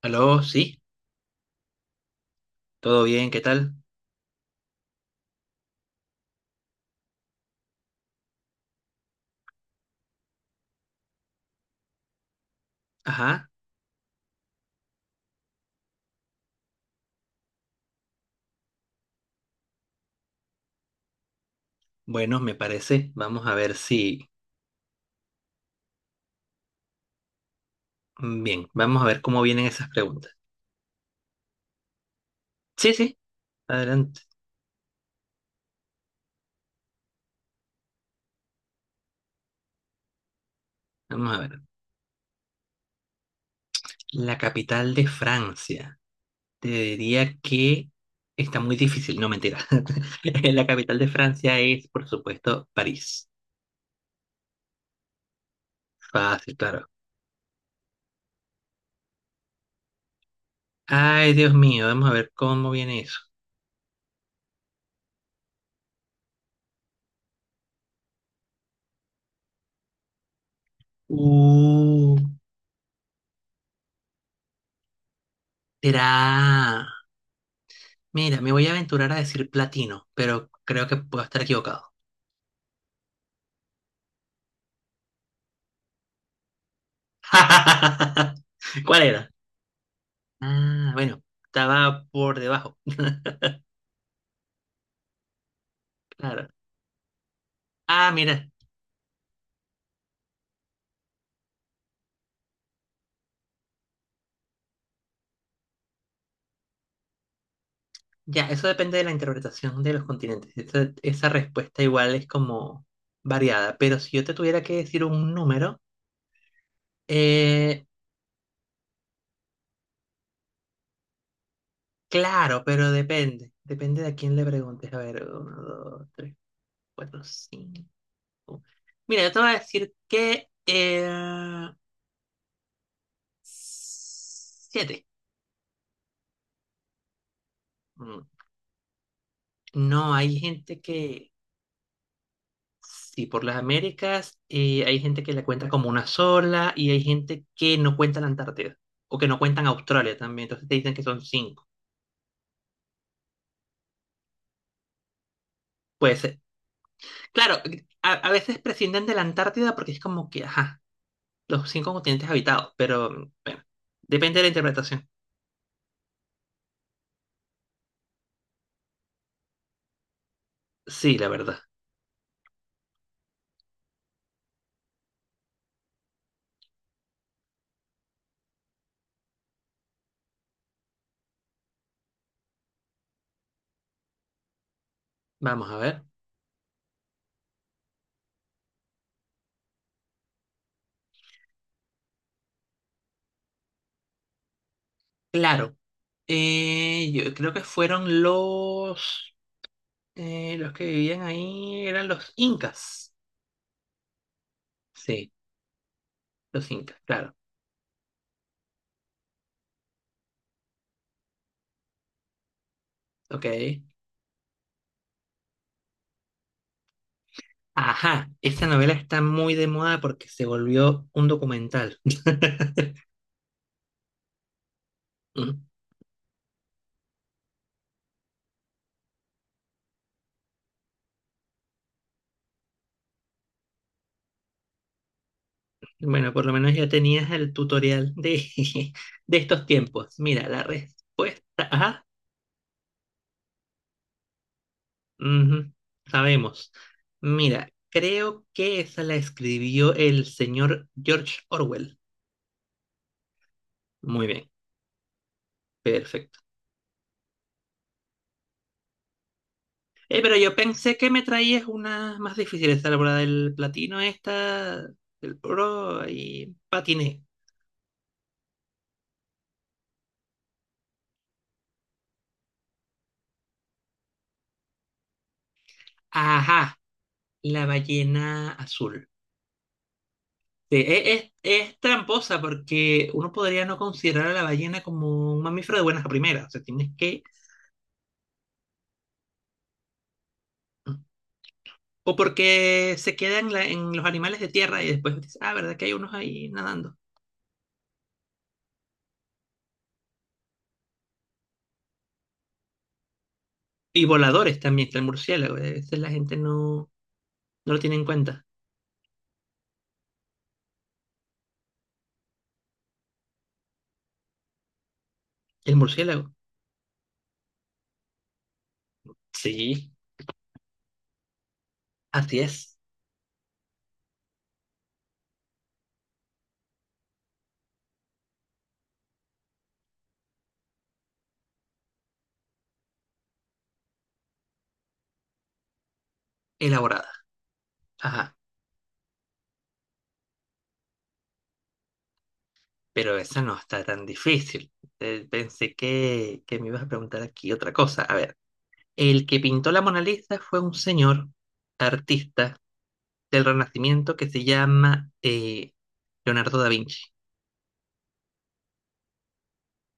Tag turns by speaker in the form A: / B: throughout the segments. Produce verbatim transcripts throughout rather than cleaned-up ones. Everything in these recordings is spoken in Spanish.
A: Aló, sí, todo bien, ¿qué tal? Ajá, bueno, me parece. Vamos a ver si. mm, Bien, vamos a ver cómo vienen esas preguntas. Sí, sí, adelante. Vamos a ver. La capital de Francia. Te diría que está muy difícil, no mentira. La capital de Francia es, por supuesto, París. Fácil, claro. Ay, Dios mío, vamos a ver cómo viene eso. Uh, Será. Mira, me voy a aventurar a decir platino, pero creo que puedo estar equivocado. ¿Cuál era? Ah, bueno, estaba por debajo. Claro. Ah, mira, ya, eso depende de la interpretación de los continentes. Esa, esa respuesta igual es como variada, pero si yo te tuviera que decir un número, eh, claro, pero depende. Depende de a quién le preguntes. A ver, uno, dos, tres, cuatro, cinco. Mira, yo te voy a decir que eh, siete. Mm, No, hay gente que. Sí, por las Américas eh, hay gente que la cuenta como una sola y hay gente que no cuenta la Antártida o que no cuentan Australia también, entonces te dicen que son cinco. Puede ser. Claro, a, a veces prescinden de la Antártida porque es como que, ajá, los cinco continentes habitados, pero mm, bueno, depende de la interpretación. Sí, la verdad. Vamos a ver. Claro, eh, yo creo que fueron los, eh, los que vivían ahí, eran los incas. Sí, los incas, claro. Ok. Ajá, esta novela está muy de moda porque se volvió un documental. Mm. Bueno, por lo menos ya tenías el tutorial de, de estos tiempos. Mira, la respuesta. Ajá, ujú, sabemos. Mira, creo que esa la escribió el señor George Orwell. Muy bien, perfecto. Eh, pero yo pensé que me traías una más difícil, esa la bola del platino, esta, del oro, y patiné. Ajá, la ballena azul. Sí, e- es, es tramposa porque uno podría no considerar a la ballena como un mamífero de buenas a primeras. O sea, tienes que. O porque se queda en, la- en los animales de tierra y después dices, ah, ¿verdad que hay unos ahí nadando? Y voladores también, está el murciélago. A veces la gente no, no lo tiene en cuenta. El murciélago. Sí, así es. Elaborada. Ajá. Pero esa no está tan difícil. Eh, Pensé que, que me ibas a preguntar aquí otra cosa. A ver. El que pintó la Mona Lisa fue un señor artista del Renacimiento que se llama eh, Leonardo da Vinci,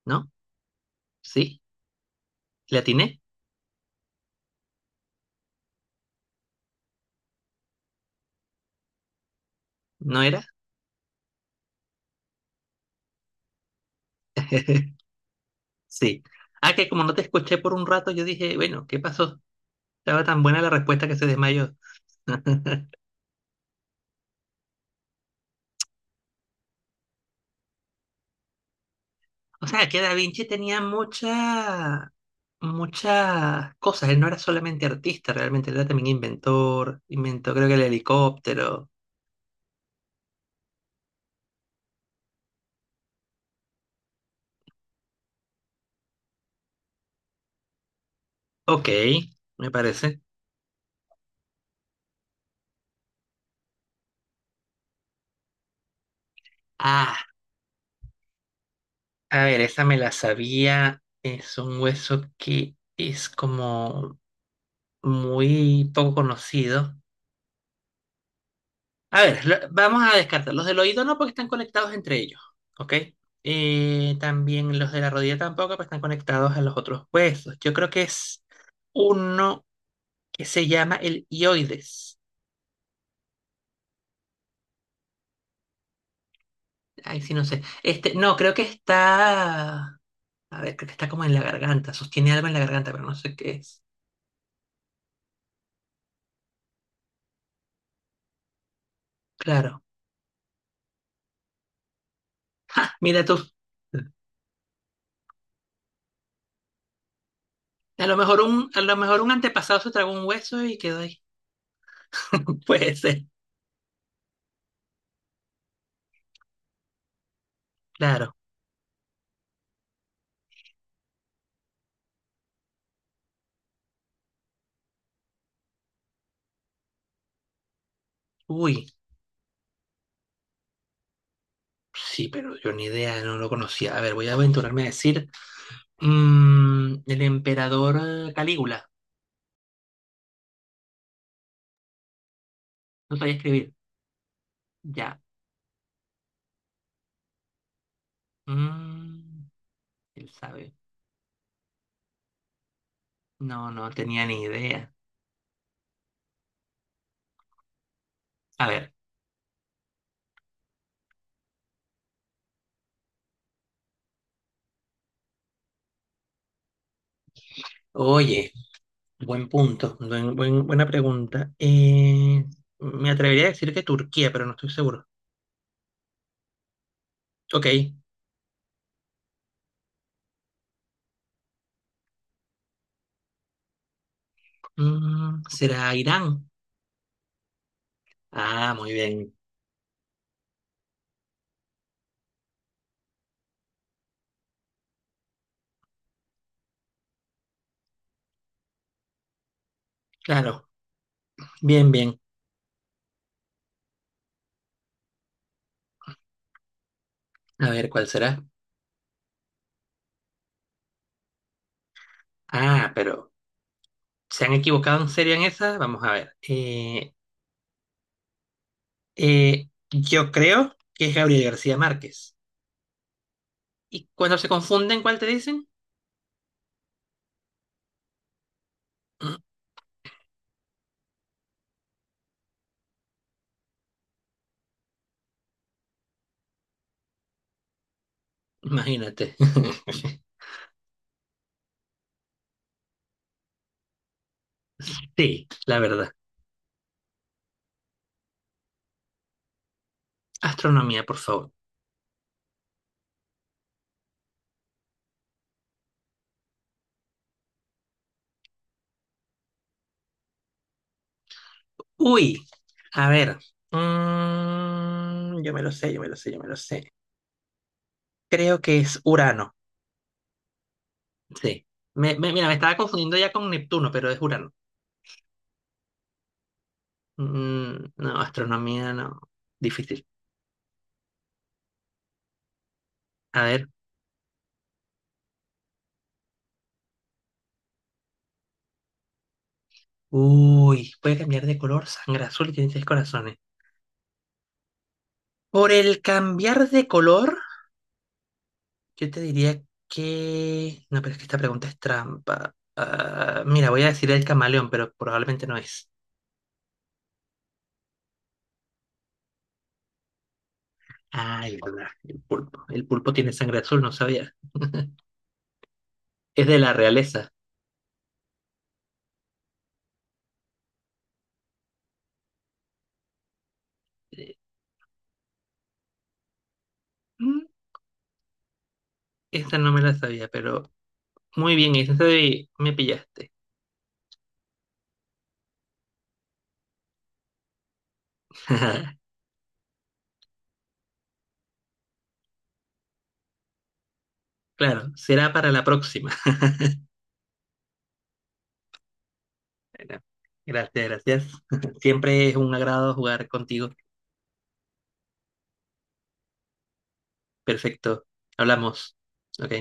A: ¿no? ¿Sí? ¿Le atiné? ¿No era? Sí. Ah, que como no te escuché por un rato, yo dije, bueno, ¿qué pasó? Estaba tan buena la respuesta que se desmayó. O sea, que Da Vinci tenía mucha, muchas cosas. Él no era solamente artista, realmente él era también inventor. Inventó, creo que el helicóptero. Ok, me parece. Ah. A ver, esa me la sabía. Es un hueso que es como muy poco conocido. A ver, lo- vamos a descartar. Los del oído no, porque están conectados entre ellos. ¿Ok? Eh, también los de la rodilla tampoco, porque están conectados a los otros huesos. Yo creo que es uno que se llama el hioides. Ay, sí, no sé. Este, no, creo que está. A ver, creo que está como en la garganta. Sostiene algo en la garganta, pero no sé qué es. Claro. Mira tú. A lo mejor un, a lo mejor un antepasado se tragó un hueso y quedó ahí. Puede ser, claro. Uy, sí, pero yo ni idea, no lo conocía. A ver, voy a aventurarme a decir mm, el emperador eh, Calígula. No sabía escribir. Ya. Mm, Él sabe. No, no tenía ni idea. A ver. Oye, buen punto, buen- buen- buena pregunta. Eh, me atrevería a decir que Turquía, pero no estoy seguro. Ok. Mm, ¿será Irán? Ah, muy bien. Claro. Bien, bien. A ver, ¿cuál será? Ah, pero ¿se han equivocado en serio en esa? Vamos a ver. Eh, eh, yo creo que es Gabriel García Márquez. ¿Y cuando se confunden, cuál te dicen? Mm, Imagínate. Sí, la verdad. Astronomía, por favor. Uy, a ver. Mm, yo me lo sé, yo me lo sé, yo me lo sé. Creo que es Urano. Sí. Me- me- mira, me estaba confundiendo ya con Neptuno, pero es Urano. Mm, no, astronomía no. Difícil. A ver. Uy, puede cambiar de color, sangre azul y tiene seis corazones. Por el cambiar de color, yo te diría que. No, pero es que esta pregunta es trampa. Ah, mira, voy a decir el camaleón, pero probablemente no es. Ah, el, el pulpo. El pulpo tiene sangre azul, no sabía. Es de la realeza. Eh, mm, Esta no me la sabía, pero muy bien, esa sí me pillaste. Claro, será para la próxima. Bueno, gracias, gracias. Siempre es un agrado jugar contigo. Perfecto. Hablamos. Ok.